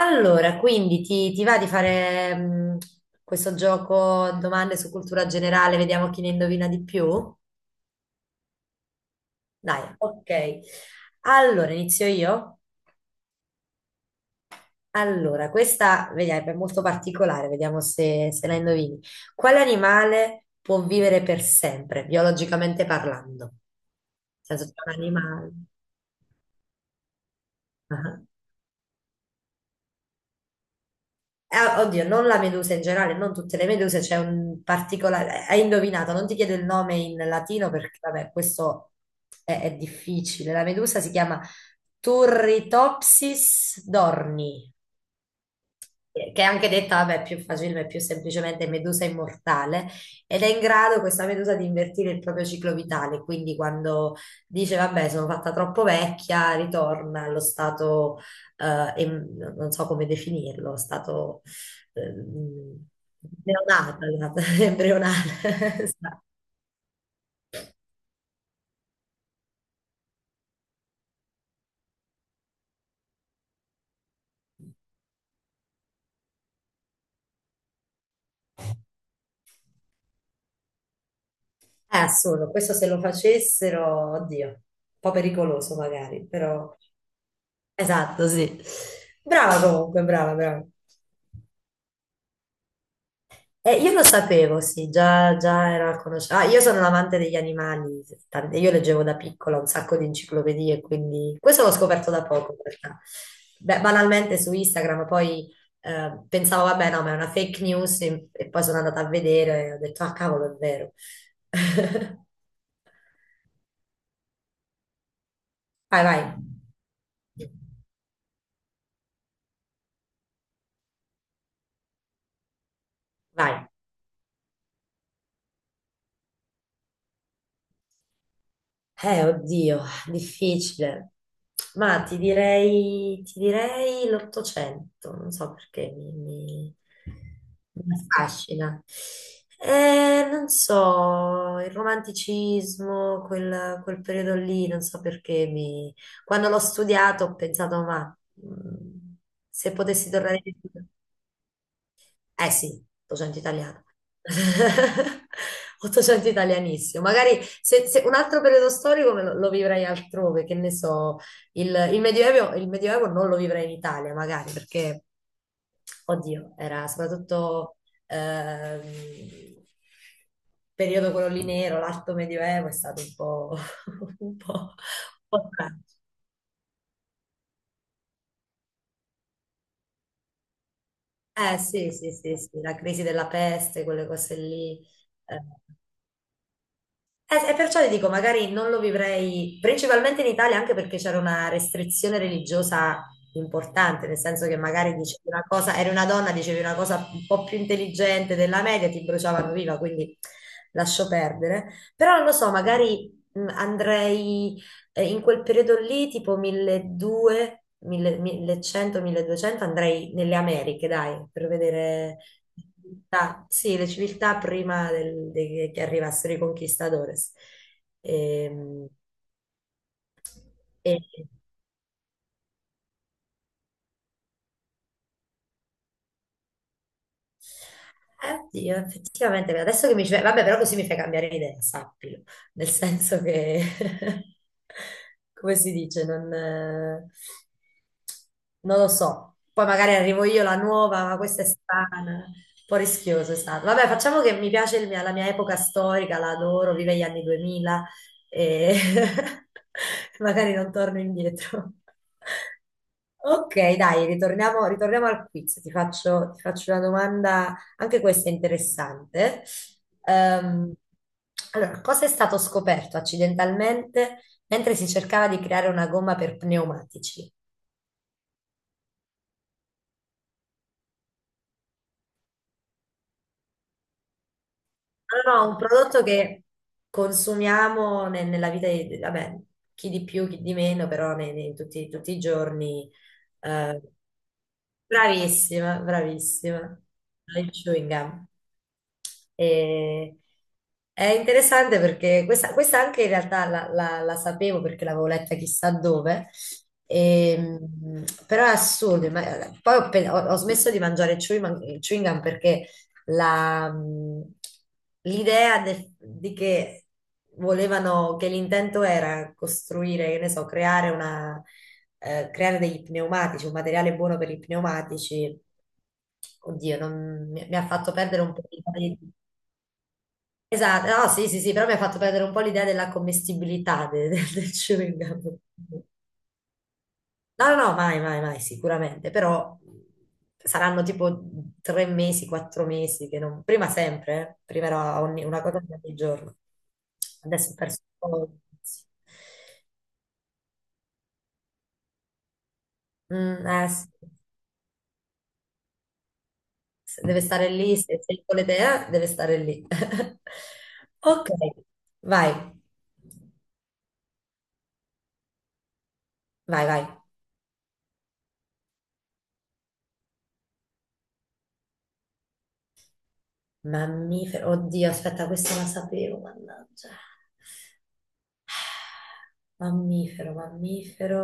Allora, quindi ti va di fare questo gioco domande su cultura generale, vediamo chi ne indovina di più? Dai, ok. Allora, inizio io? Allora, questa vediamo, è molto particolare, vediamo se la indovini. Quale animale può vivere per sempre, biologicamente parlando? Nel senso, c'è un animale. Ah. Oddio, non la medusa in generale, non tutte le meduse, c'è un particolare. Hai indovinato, non ti chiedo il nome in latino perché, vabbè, questo è difficile. La medusa si chiama Turritopsis dorni che è anche detta, vabbè, più facile, più semplicemente medusa immortale, ed è in grado questa medusa di invertire il proprio ciclo vitale, quindi quando dice, vabbè, sono fatta troppo vecchia, ritorna allo stato, non so come definirlo, stato ehm, neonata, embrionale. Esatto. È assurdo, questo se lo facessero, oddio, un po' pericoloso magari, però. Esatto, sì. Brava comunque, brava, brava. Io lo sapevo, sì, già, già era conosciuto. Ah, io sono un amante degli animali, io leggevo da piccola un sacco di enciclopedie, quindi questo l'ho scoperto da poco in realtà. Beh, banalmente su Instagram, poi pensavo, vabbè, no, ma è una fake news e poi sono andata a vedere e ho detto, ah, cavolo, è vero. Vai, vai, vai. Oddio, difficile. Ma ti direi l'Ottocento, non so perché mi affascina. Non so, il romanticismo, quel periodo lì, non so perché mi. Quando l'ho studiato ho pensato, ma mm, se potessi tornare indietro. Eh sì, 800 italiano. 800 italianissimo. Magari se un altro periodo storico me lo vivrei altrove, che ne so, il Medioevo non lo vivrei in Italia, magari, perché, oddio, era soprattutto ehm, periodo quello lì nero, l'alto Medioevo è stato un po' tragico. Eh sì, sì, sì, sì, la crisi della peste, quelle cose lì. Eh. E perciò ti dico, magari non lo vivrei principalmente in Italia, anche perché c'era una restrizione religiosa importante, nel senso che magari dicevi una cosa, eri una donna, dicevi una cosa un po' più intelligente della media, ti bruciavano viva, quindi lascio perdere. Però non lo so, magari andrei in quel periodo lì, tipo 1200, 1100, 1200, andrei nelle Americhe, dai, per vedere sì, le civiltà prima che arrivassero i conquistadores. Ehm, E, eh, Oddio, effettivamente, adesso che mi ci vabbè, però così mi fai cambiare idea, sappilo, nel senso che, come si dice, non lo so. Poi magari arrivo io la nuova, ma questa è strana, un po' rischioso è stato. Vabbè, facciamo che mi piace la mia epoca storica, la adoro, vive gli anni 2000 e magari non torno indietro. Ok, dai, ritorniamo al quiz. Ti faccio una domanda, anche questa è interessante. Ehm, allora, cosa è stato scoperto accidentalmente mentre si cercava di creare una gomma per pneumatici? No, no, un prodotto che consumiamo nella vita di, vabbè, chi di più, chi di meno, però nei, nei tutti i giorni. Eh, bravissima, bravissima. Il chewing gum. E- è interessante perché questa anche in realtà la sapevo perché l'avevo letta chissà dove, e, però è assurdo. Poi ho smesso di mangiare chewing gum perché la, mh, l'idea di che volevano, che l'intento era costruire, che ne so, creare degli pneumatici, un materiale buono per i pneumatici. Oddio, mi ha fatto perdere un po' di. Esatto, no, sì, sì, sì, però mi ha fatto perdere un po' l'idea della commestibilità del chewing gum. No, no, no, mai, mai, mai, sicuramente, però saranno tipo tre mesi, quattro mesi, che non. Prima sempre, eh. Prima era una cosa ogni giorno. Adesso ho perso un po'. Mm, sì. Se Deve stare lì, se volete, deve stare lì. Ok, vai, vai, vai. Mammifero, oddio, aspetta, questa la sapevo, mannaggia. Mammifero, mammifero.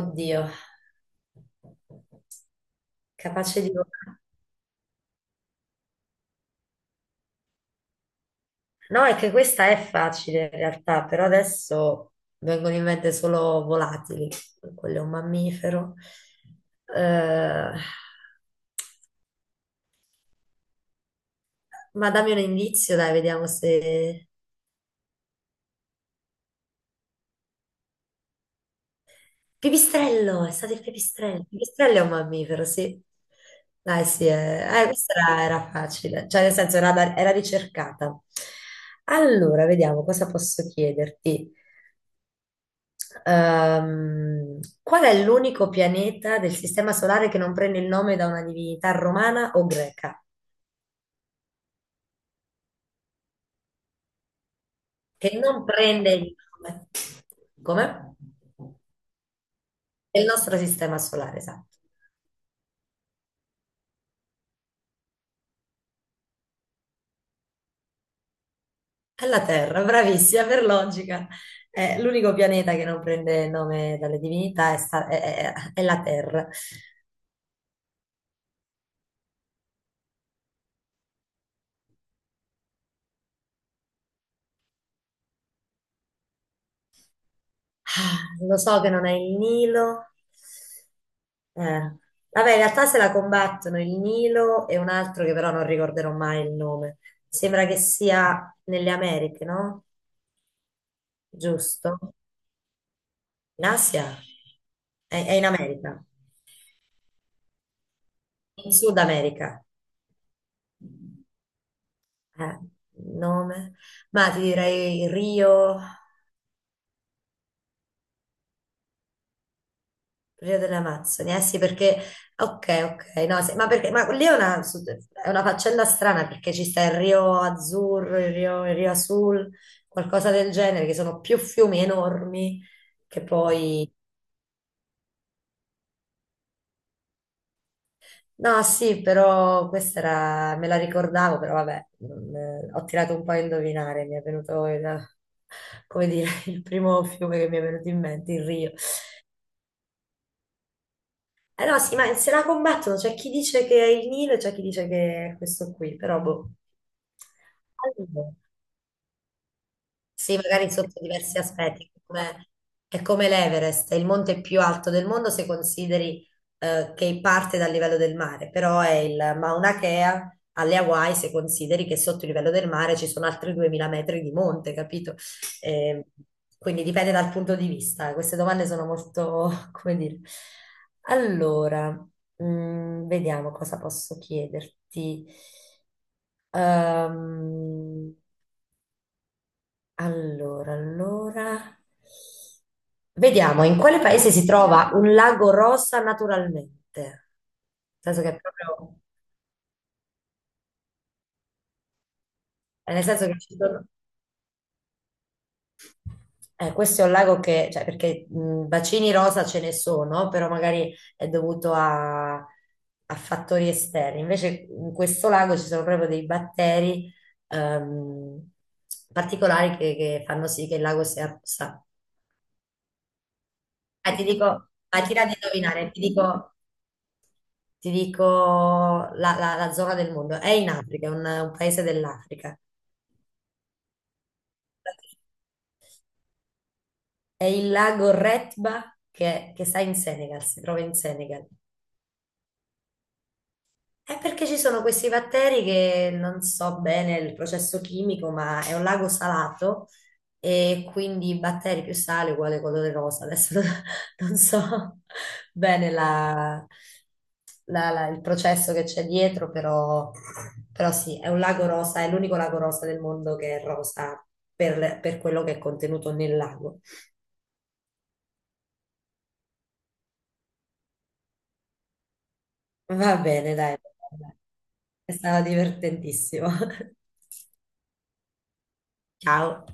Oddio, capace di volare. No, è che questa è facile in realtà, però adesso vengono in mente solo volatili. Quello è un mammifero. Eh, ma dammi un indizio, dai, vediamo se. Pipistrello, è stato il pipistrello. Il pipistrello è un mammifero, sì. Dai, sì, questa era facile, cioè nel senso era, era ricercata. Allora, vediamo cosa posso chiederti. Qual è l'unico pianeta del Sistema Solare che non prende il nome da una divinità romana o greca? Che non prende il nome. Come? Del nostro Sistema Solare, esatto. È la Terra, bravissima, per logica. L'unico pianeta che non prende nome dalle divinità è, sta- è la Terra. Ah, lo so che non è il Nilo. Eh, Vabbè, in realtà se la combattono il Nilo e un altro che però non ricorderò mai il nome. Sembra che sia nelle Americhe, no? Giusto? In Asia? È in America. In Sud America. Eh, nome? Ma ti direi Rio. Rio delle Amazzoni, eh sì, perché ok, ok, no, sì, ma perché ma lì è una, faccenda strana perché ci sta il Rio Azzurro, il Rio Azul, qualcosa del genere, che sono più fiumi enormi che poi. No, sì, però questa era, me la ricordavo, però vabbè, ho tirato un po' a indovinare, mi è venuto, come dire, il primo fiume che mi è venuto in mente, il Rio. Eh no, sì, ma se la combattono, c'è chi dice che è il Nilo e c'è chi dice che è questo qui, però boh. Allora, sì, magari sotto diversi aspetti, è come l'Everest, è il monte più alto del mondo se consideri che parte dal livello del mare, però è il Mauna Kea alle Hawaii se consideri che sotto il livello del mare ci sono altri 2000 metri di monte, capito? Eh, quindi dipende dal punto di vista. Queste domande sono molto, come dire. Allora, vediamo cosa posso chiederti. Ehm, allora, allora. Vediamo in quale paese si trova un lago rosa naturalmente. Nel senso che è proprio, nel senso che ci questo è un lago che, cioè, perché bacini rosa ce ne sono, però magari è dovuto a fattori esterni. Invece in questo lago ci sono proprio dei batteri ehm, particolari che fanno sì che il lago sia rossa. Ah, ti dico, ah, tira di indovinare, ti dico la zona del mondo. È in Africa, è un paese dell'Africa. È il lago Retba che sta in Senegal, si trova in Senegal. È perché ci sono questi batteri che non so bene il processo chimico, ma è un lago salato e quindi batteri più sale uguale colore rosa. Adesso non so bene il processo che c'è dietro, però, sì, è un lago rosa, è l'unico lago rosa del mondo che è rosa per quello che è contenuto nel lago. Va bene, dai, è stato divertentissimo. Ciao.